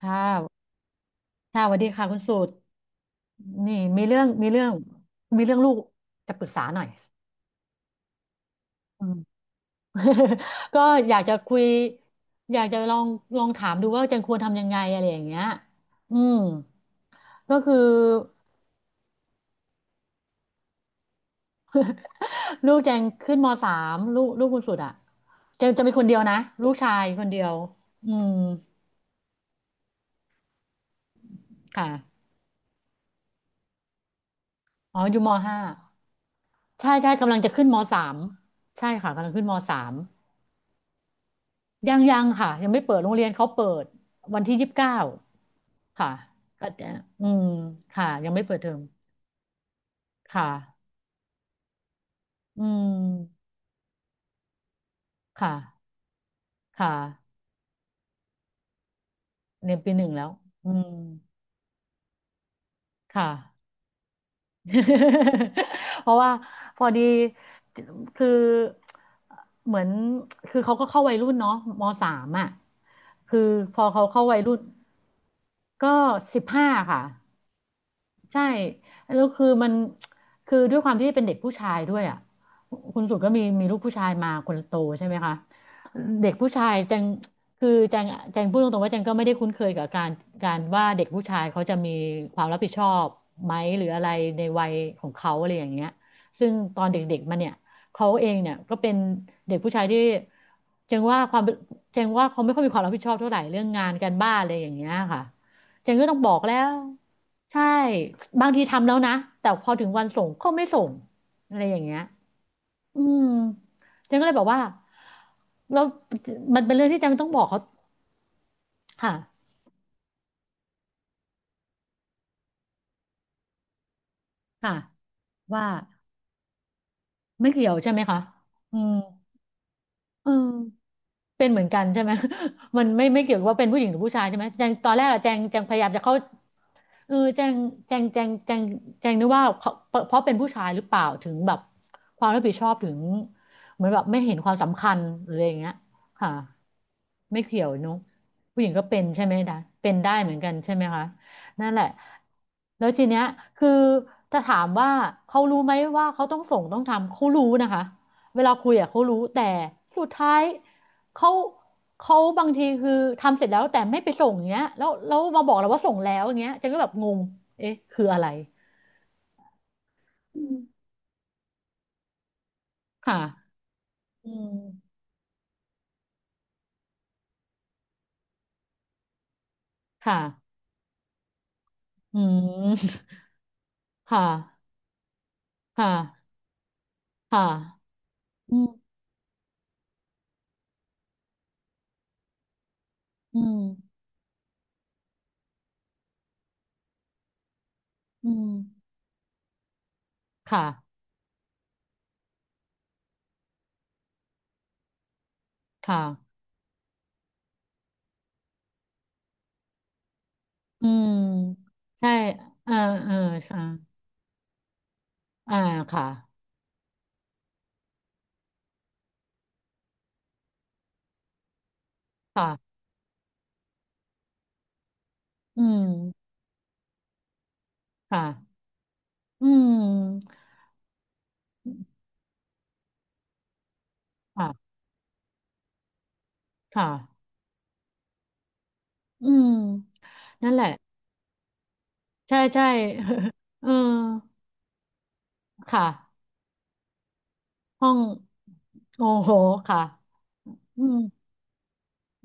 ค่ะค่ะสวัสดีค่ะคุณสูตรนี่มีเรื่องลูกจะปรึกษาหน่อยอืม ก็อยากจะคุยอยากจะลองลองถามดูว่าแจงควรทำยังไงอะไรอย่างเงี้ยอืมก็คือ ลูกแจงขึ้นมสามลูกคุณสุดอ่ะแจงจะมีคนเดียวนะลูกชายคนเดียวอืมค่ะอ๋ออยู่มห้าใช่ใช่กำลังจะขึ้นมสามใช่ค่ะกำลังขึ้นมสาม ยังค่ะยังไม่เปิดโรงเรียนเขาเปิดวันที่ยี่สิบเก้าค่ะก็จะอืมค่ะยังไม่เปิดเทอมค่ะอืมค่ะค่ะเรียนปีหนึ่งแล้วอืมค่ะ เพราะว่าพอดีคือเหมือนคือเขาก็เข้าวัยรุ่นเนาะมสามอ่ะคือพอเขาเข้าวัยรุ่นก็สิบห้าค่ะ ใช่แล้วคือมันคือด้วยความที่เป็นเด็กผู้ชายด้วยอ่ะคุณสุดก็มีลูกผู้ชายมาคนโตใช่ไหมคะเด็กผู้ชายแจงคือแจงพูดตรงๆว่าแจงก็ไม่ได้คุ้นเคยกับการการว่าเด็กผู้ชายเขาจะมีความรับผิดชอบไหมหรืออะไรในวัยของเขาอะไรอย่างเงี้ยซึ่งตอนเด็กๆมาเนี่ยเขาเองเนี่ยก็เป็นเด็กผู้ชายที่แจงว่าความแจงว่าเขาไม่ค่อยมีความรับผิดชอบเท่าไหร่เรื่องงานการบ้านอะไรอย่างเงี้ยค่ะ อย่างนี้ก็ต้องบอกแล้วใช่บางทีทำแล้วนะแต่พอถึงวันส่งก็ไม่ส่งอะไรอย่างเงี้ยอืมเจันก็เลยบอกว่าเรามันเป็นเรื่องที่เจันต้องบอกเขาค่ะค่ะว่าไม่เกี่ยวใช่ไหมคะอืมเออ เป็นเหมือนกันใช่ไหม มันไม่เกี่ยวกับว่าเป็นผู้หญิงหรือผู้ชายใช่ไหมแจงตอนแรกอะแจงแจงพยายามจะเข้าเออแจงแจงแจงแจงนึกว่าเขาเพราะเป็นผู้ชายหรือเปล่าถึงแบบความรับผิดชอบถึงเหมือนแบบไม่เห็นความสำคัญหรืออะไรอย่างเงี้ยค่ะไม่เกี่ยวเนุ๊กผู้หญิงก็เป็นใช่ไหมนะเป็นได้เหมือนกันใช่ไหมคะนั่นแหละแล้วทีเนี้ยคือถ้าถามว่าเขารู้ไหมว่าเขาต้องส่งต้องทำเขารู้นะคะ เวลาคุยอ่ะเขารู้แต่สุดท้ายเขาเขาบางทีคือทำเสร็จแล้วแต่ไม่ไปส่งอย่างเงี้ยแล้วมาบอกเราว่าส่งแล้วอย่างเงี้ยเจะก็แบบงงเอ๊ะคืออะไรอืมค่ะอืมค่ะอืมค่ะค่ะค่ะอืมอืมอืมค่ะค่ะอืมใช่อ่าเออค่ะอ่าค่ะค่ะอืมค่ะอืมค่ะค่ะ อืมนั่นแหละใช่ใช่ เออค่ะห้องโอ้โหค่ะอืม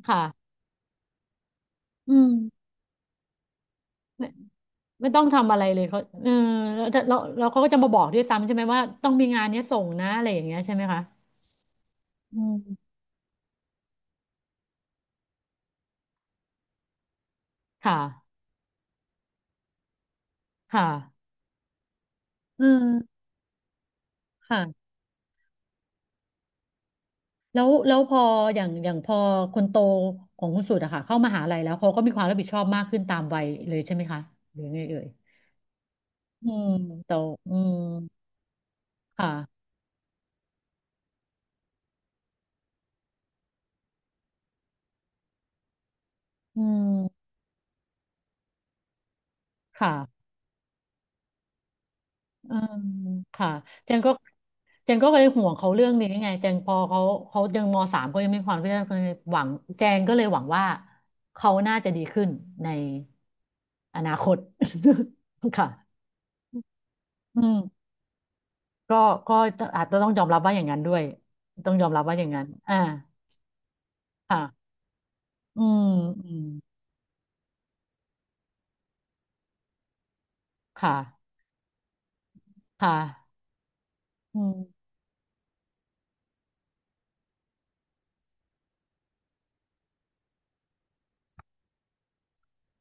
ค่ะอืมไม่ไม่ต้องทำอะไรเลยเขาเออแล้วเขาก็จะมาบอกด้วยซ้ำใช่ไหมว่าต้องมีงานเนี้ยส่งนะอะไรอย่างเงี้ยใช่ไหมคะอืมค่ะค่ะเออค่ะแล้วแล้วพออย่างพอคนโตของคุณสุดอะค่ะเข้ามหาลัยแล้วเขาก็มีความรับผิดชอบมากขึ้นตามวัยเลยใช่ไหมคะหรือไงเอ่ยอืมโตอืมค่ะ อืมค่ะอืมค่ะเจนก็เจนก็เลยห่วงเขาเรื่องนี้ไงเจนพอเขาเขายังมสามเขายังม่ีความเพื่อหวังเจนก็เลยหวังว่าเขาน่าจะดีขึ้นในอนาคต ค่ะอืมก็ก็อาจจะต้องยอมรับว่าอย่างนั้นด้วยต้องยอมรับว่าอย่างนั้นอ่าค่ะอืมอืมค่ะค่ะอืม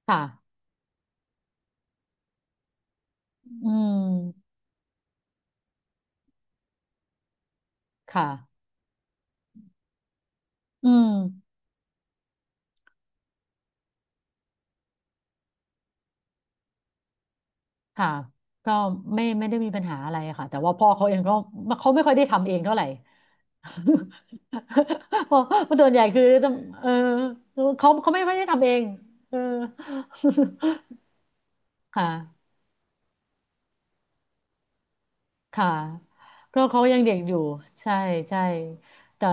ค่ะอืมค่ะอืม ค่ะก็ไม่ได้มีปัญหาอะไรค่ะแต่ว่าพ่อเขาเองก็เขาไม่ค่อยได้ทำเองเท่าไหร่ เพราะส่วนใหญ่คือจะเออเขาเขาไม่ค่อยได้ทำเองเออ ค่ะค่ะก็เขายังเด็กอยู่ใช่ใช่แต่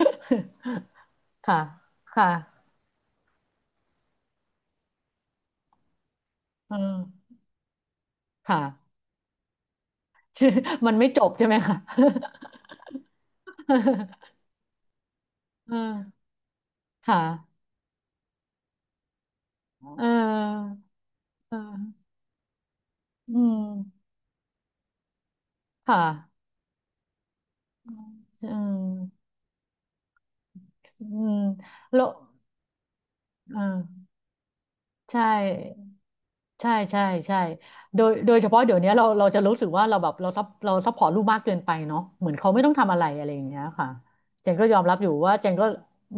ค่ะค่ะเออค่ะ มันไม่จบใช่ไหมคะ เออค่ะเออเอออืมค่ะ อืมอืมแล้วอ่าใช่ใช่ใช่ใช่โดยโดยเฉพาะเดี๋ยวนี้เราจะรู้สึกว่าเราแบบเราซัพพอร์ตลูกมากเกินไปเนาะเหมือนเขาไม่ต้องทำอะไรอะไรอย่างเงี้ยค่ะเจนก็ยอมรับอยู่ว่าเจนก็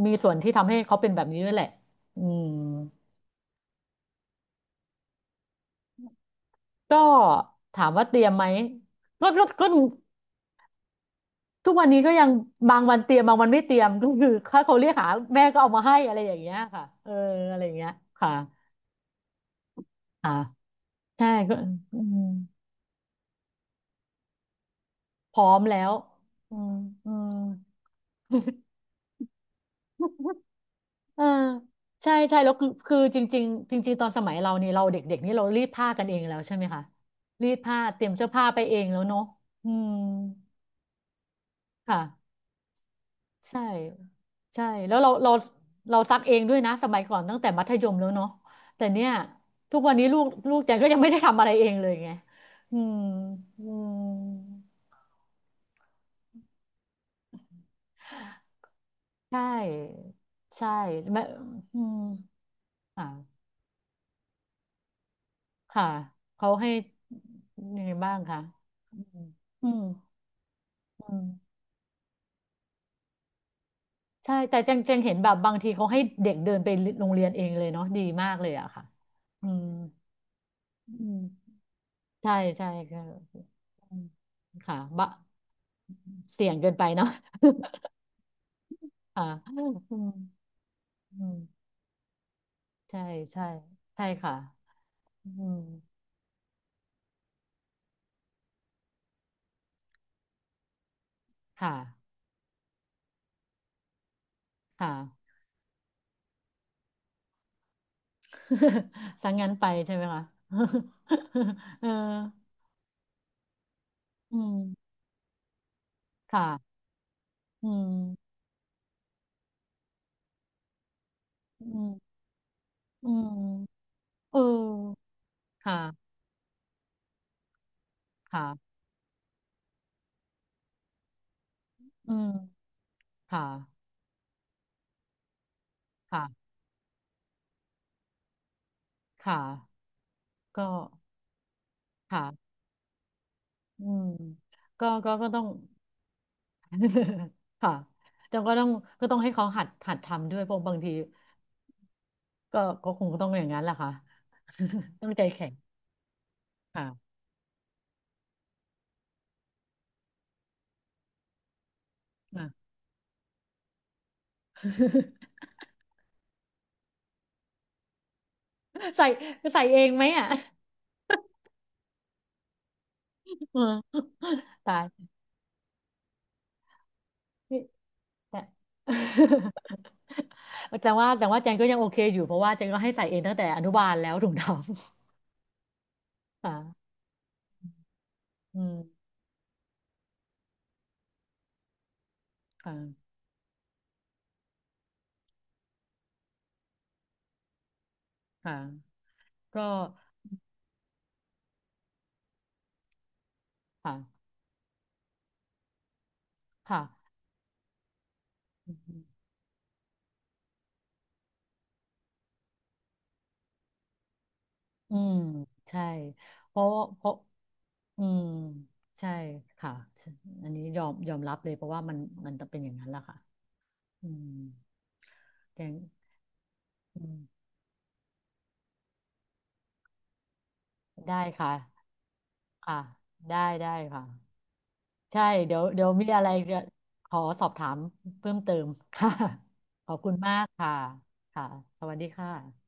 มีส่วนที่ทำให้เขาเป็นแบบนี้ด้วยแหละอืมก็ถามว่าเตรียมไหมก็ทุกวันนี้ก็ยังบางวันเตรียมบางวันไม่เตรียมก็คือถ้าเขาเรียกหาแม่ก็เอามาให้อะไรอย่างเงี้ยค่ะเอออะไรอย่างเงี้ยค่ะอ่าใช่ก็อืม พร้อมแล้วอืมอืม เออใช่ใช่ แล้วคือคือจริงๆจริงๆ ตอนสมัยเรานี่เราเด็กๆนี่เรารีดผ้ากันเองแล้วใช่ไหมคะรีดผ้าเตรียมเสื้อผ้าไปเองแล้วเนาะอืมค่ะใช่ใช่แล้วเราซักเองด้วยนะสมัยก่อนตั้งแต่มัธยมแล้วเนาะแต่เนี่ยทุกวันนี้ลูกแจนก็ยังไม่ได้ทำอะไรเองเลยไงอืมอืมใช่ ใช่ไม่อืมค่ะ ค่ะเขาให้ยังไงบ้างคะอืมอืมอืมใช่แต่จังจังเห็นแบบบางทีเขาให้เด็กเดินไปโรงเรียนเองเลยเนาะดีมากเลยอะค่ะอืมอืมใช่ใช่ค่ะอืมค่ะบะเสี่ยงเกินไปเนาะ ค่ะอืมอืมใช่ใช่ใช่ค่ะอืมค่ะค่ะ สังงั้นไปใช่ไหมคะ เอออืมค่ะอืมอืม อืมเออค่ะค่ะอืมค่ะค่ะค่ะก็ค่ะอืมก็ต้อง ค่ะแต่ก็ต้องก็ต้องให้เขาหัดทำด้วยเพราะบางทีก็คงต้องอย่างนั้นแหละค่ะ ต้องใจแข็งค่ะอ่ะ ใส่ใส่เองไหมอ่ะ อืมตาย นี่แต่ แต่ว่าแจงก็ยังโอเคอยู่เพราะว่าแจงก็ให้ใส่เองตั้งแต่อนุบาลแล้วถุงดำ ค่ะ อืมค่ะค่ะก็ค่ะค่ะอืมอืมใช่เพราะเพราะอืมใช่ค่ะอันนี้ยอมรับเลยเพราะว่ามันมันจะเป็นอย่างนั้นแหละค่ะอืมแกงอืมได้ค่ะค่ะได้ได้ค่ะใช่เดี๋ยวเดี๋ยวมีอะไรจะขอสอบถามเพิ่มเติมค่ะขอบคุณมากค่ะค่ะสวัสดีค่ะ